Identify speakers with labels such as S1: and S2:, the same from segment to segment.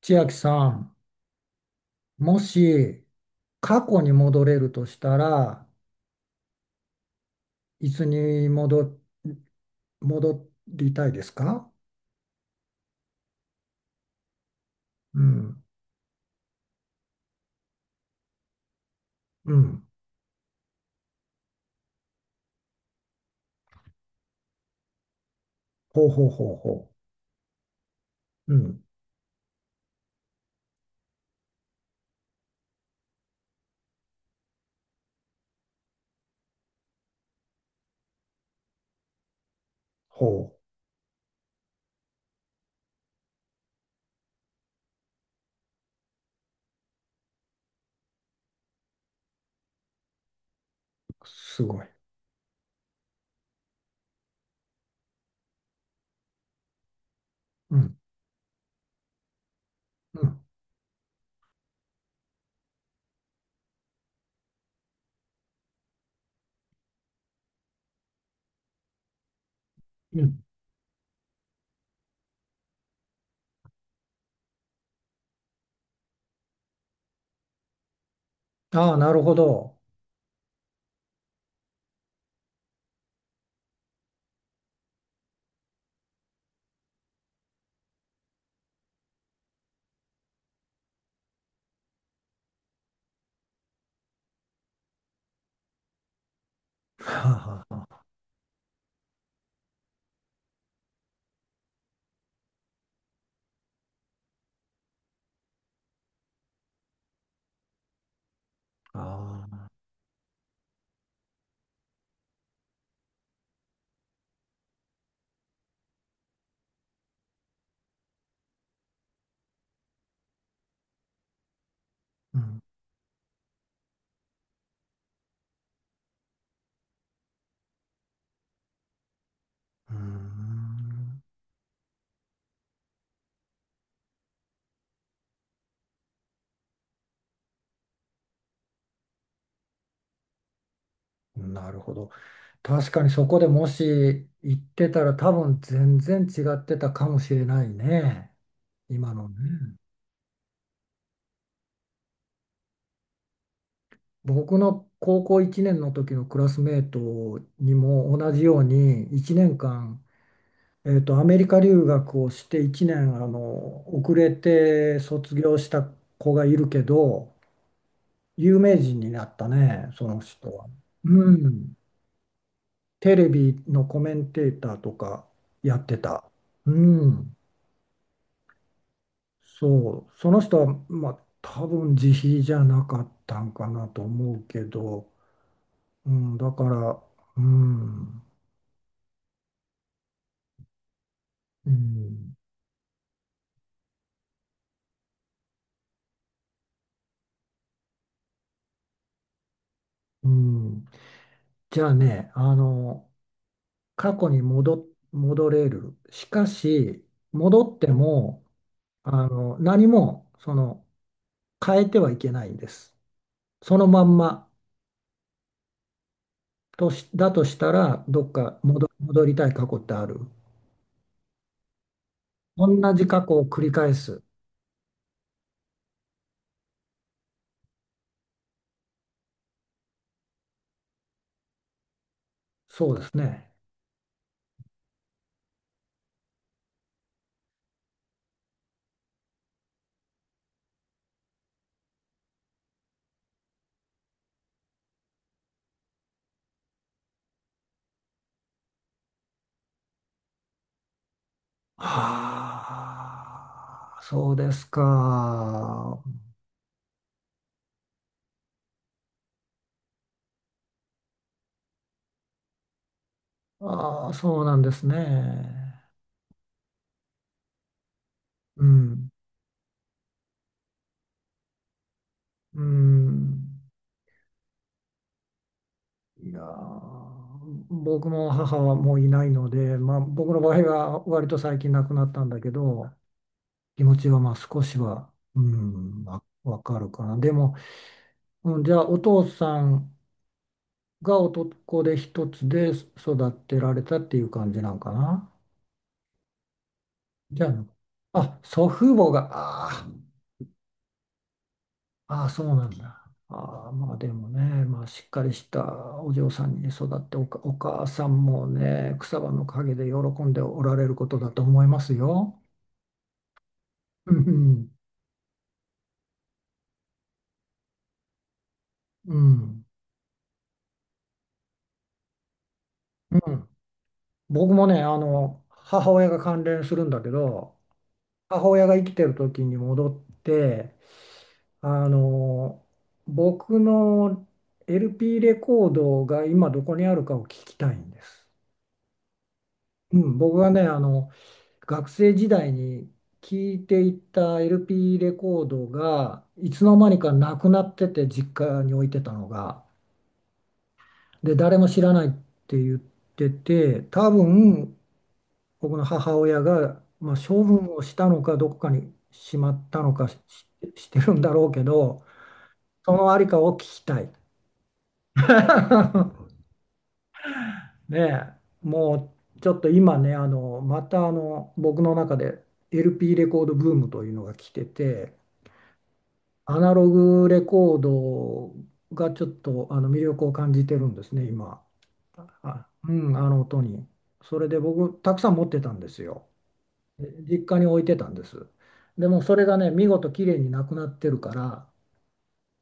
S1: 千秋さん、もし過去に戻れるとしたら、いつに戻、戻りたいですか？うん、うん、ほうほうほうほう、うん、ほう、すごい。うん、うん、うん。ああ、なるほど。はあ、はあは あ、うん、うーん、なるほど。確かにそこでもし行ってたら多分全然違ってたかもしれないね。今のね。僕の高校1年の時のクラスメートにも同じように1年間、アメリカ留学をして1年遅れて卒業した子がいるけど、有名人になったね、その人は。うん、テレビのコメンテーターとかやってた。うん、そう、その人は、まあ、多分自費じゃなかったんかなと思うけど、うん、だから、うん。うん、うん、じゃあね、過去に戻、戻れる。しかし、戻っても、何も、変えてはいけないんです。そのまんまだとしたら、どっか戻、戻りたい過去ってある？同じ過去を繰り返す。そうですね。はあ、そうですか。ああ、そうなんですね。うん、うん。いやー、僕も母はもういないので、まあ、僕の場合は割と最近亡くなったんだけど、気持ちはまあ少しは、うん、わかるかな。でも、うん、じゃあお父さんが男で一つで育てられたっていう感じなんかな？じゃあ、あ、祖父母が、あああ、そうなんだ。ああ、まあでもね、まあしっかりしたお嬢さんにね育ってお母さんもね、草葉の陰で喜んでおられることだと思いますよ。うんうん。うん、僕もね、母親が関連するんだけど、母親が生きてる時に戻って、あの、僕の LP レコードが今どこにあるかを聞きたいんです。うん、僕がね、学生時代に聞いていた LP レコードがいつの間にかなくなってて実家に置いてたのが、で誰も知らないって言ってて、多分僕の母親が、まあ、処分をしたのかどこかにしまったのかしてるんだろうけど、そのありかを聞きたい。ねえ、もうちょっと今ね、また僕の中で LP レコードブームというのが来てて。アナログレコードがちょっと魅力を感じてるんですね、今。あ、うん、あの音に。それで僕、たくさん持ってたんですよ。で実家に置いてたんです。でもそれがね、見事綺麗になくなってるから、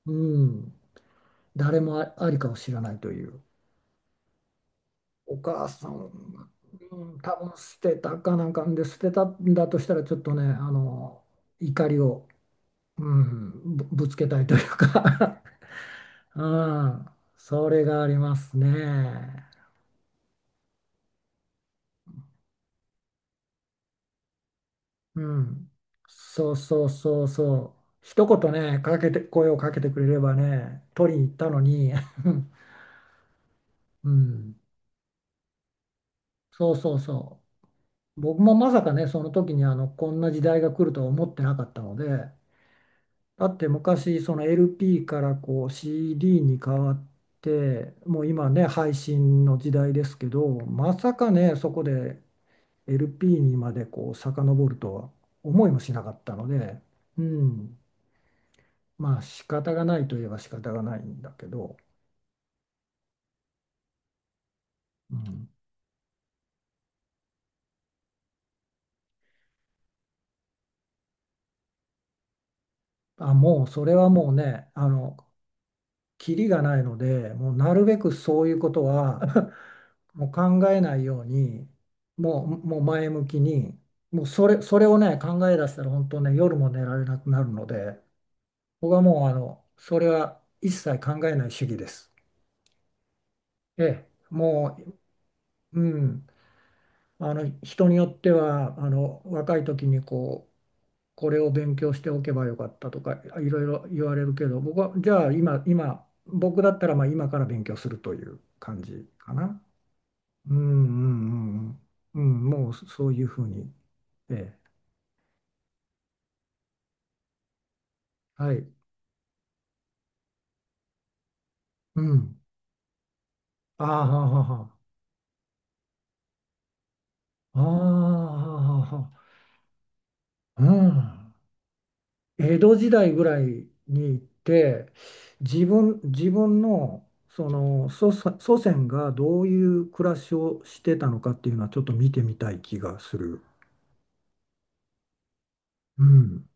S1: うん、誰もありかを知らないという。お母さん、うん、多分捨てたかなんかで捨てたんだとしたら、ちょっとね、怒りを、うん、ぶつけたいというか、うん、それがありますね。うん、そうそうそうそう。一言ね、かけて、声をかけてくれればね、取りに行ったのに、うん、そうそうそう。僕もまさかね、その時にこんな時代が来るとは思ってなかったので、だって昔、その LP からこう CD に変わって、もう今ね、配信の時代ですけど、まさかね、そこで LP にまでこう遡るとは思いもしなかったので、うん、まあ仕方がないといえば仕方がないんだけど、うん、あ、もうそれはもうね、キリがないので、もうなるべくそういうことは もう考えないように、もう、もう前向きに、もうそれをね、考え出したら本当ね、夜も寝られなくなるので、僕はもうそれは一切考えない主義です。ええ、もう、うん。あの人によっては若い時にこうこれを勉強しておけばよかったとかいろいろ言われるけど、僕はじゃあ今、僕だったらまあ今から勉強するという感じかな。うんうんうんうん、うん、もうそういうふうに。ええ、はい。うん。ああはあはあはあ。ああはあはあはうん。江戸時代ぐらいに行って、自分の、その祖先がどういう暮らしをしてたのかっていうのはちょっと見てみたい気がする。うん。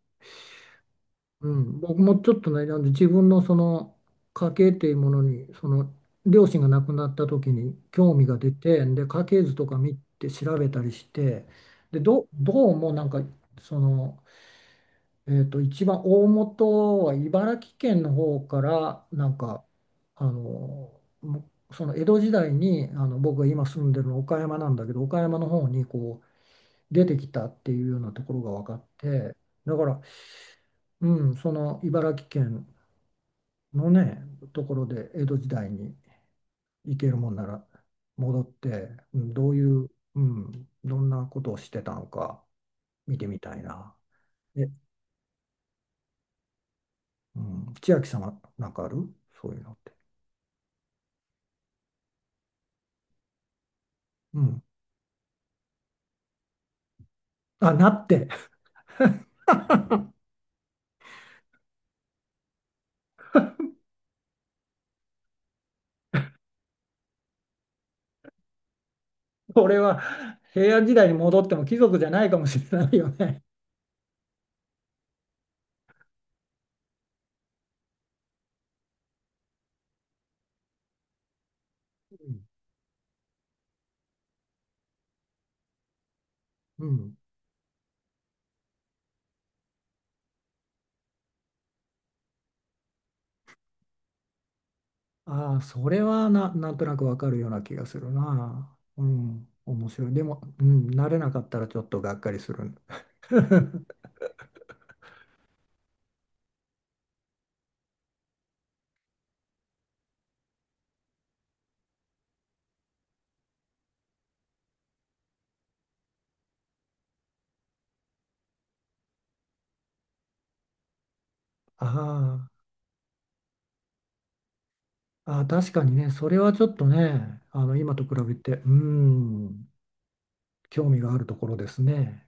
S1: うん、僕もちょっとね、なんで自分のその家系っていうものに、その両親が亡くなった時に興味が出て、で家系図とか見て調べたりして、でどうもなんか、その一番大本は茨城県の方からなんかあのもその江戸時代に僕が今住んでるの岡山なんだけど、岡山の方にこう出てきたっていうようなところが分かって、だから、うん、その茨城県のねところで江戸時代に行けるもんなら戻って、うん、どういう、うん、どんなことをしてたのか見てみたいな。え、うん、千秋さんはなんかある、そういうのって？うん、あ、なって。これは平安時代に戻っても貴族じゃないかもしれないよね。うん。うん、ああ、それはな、なんとなくわかるような気がするな。うん。面白い。でも、うん、慣れなかったらちょっとがっかりする。ああ、ああ、確かにね、それはちょっとね、今と比べて、うん、興味があるところですね。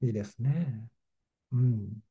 S1: いいですね。うん。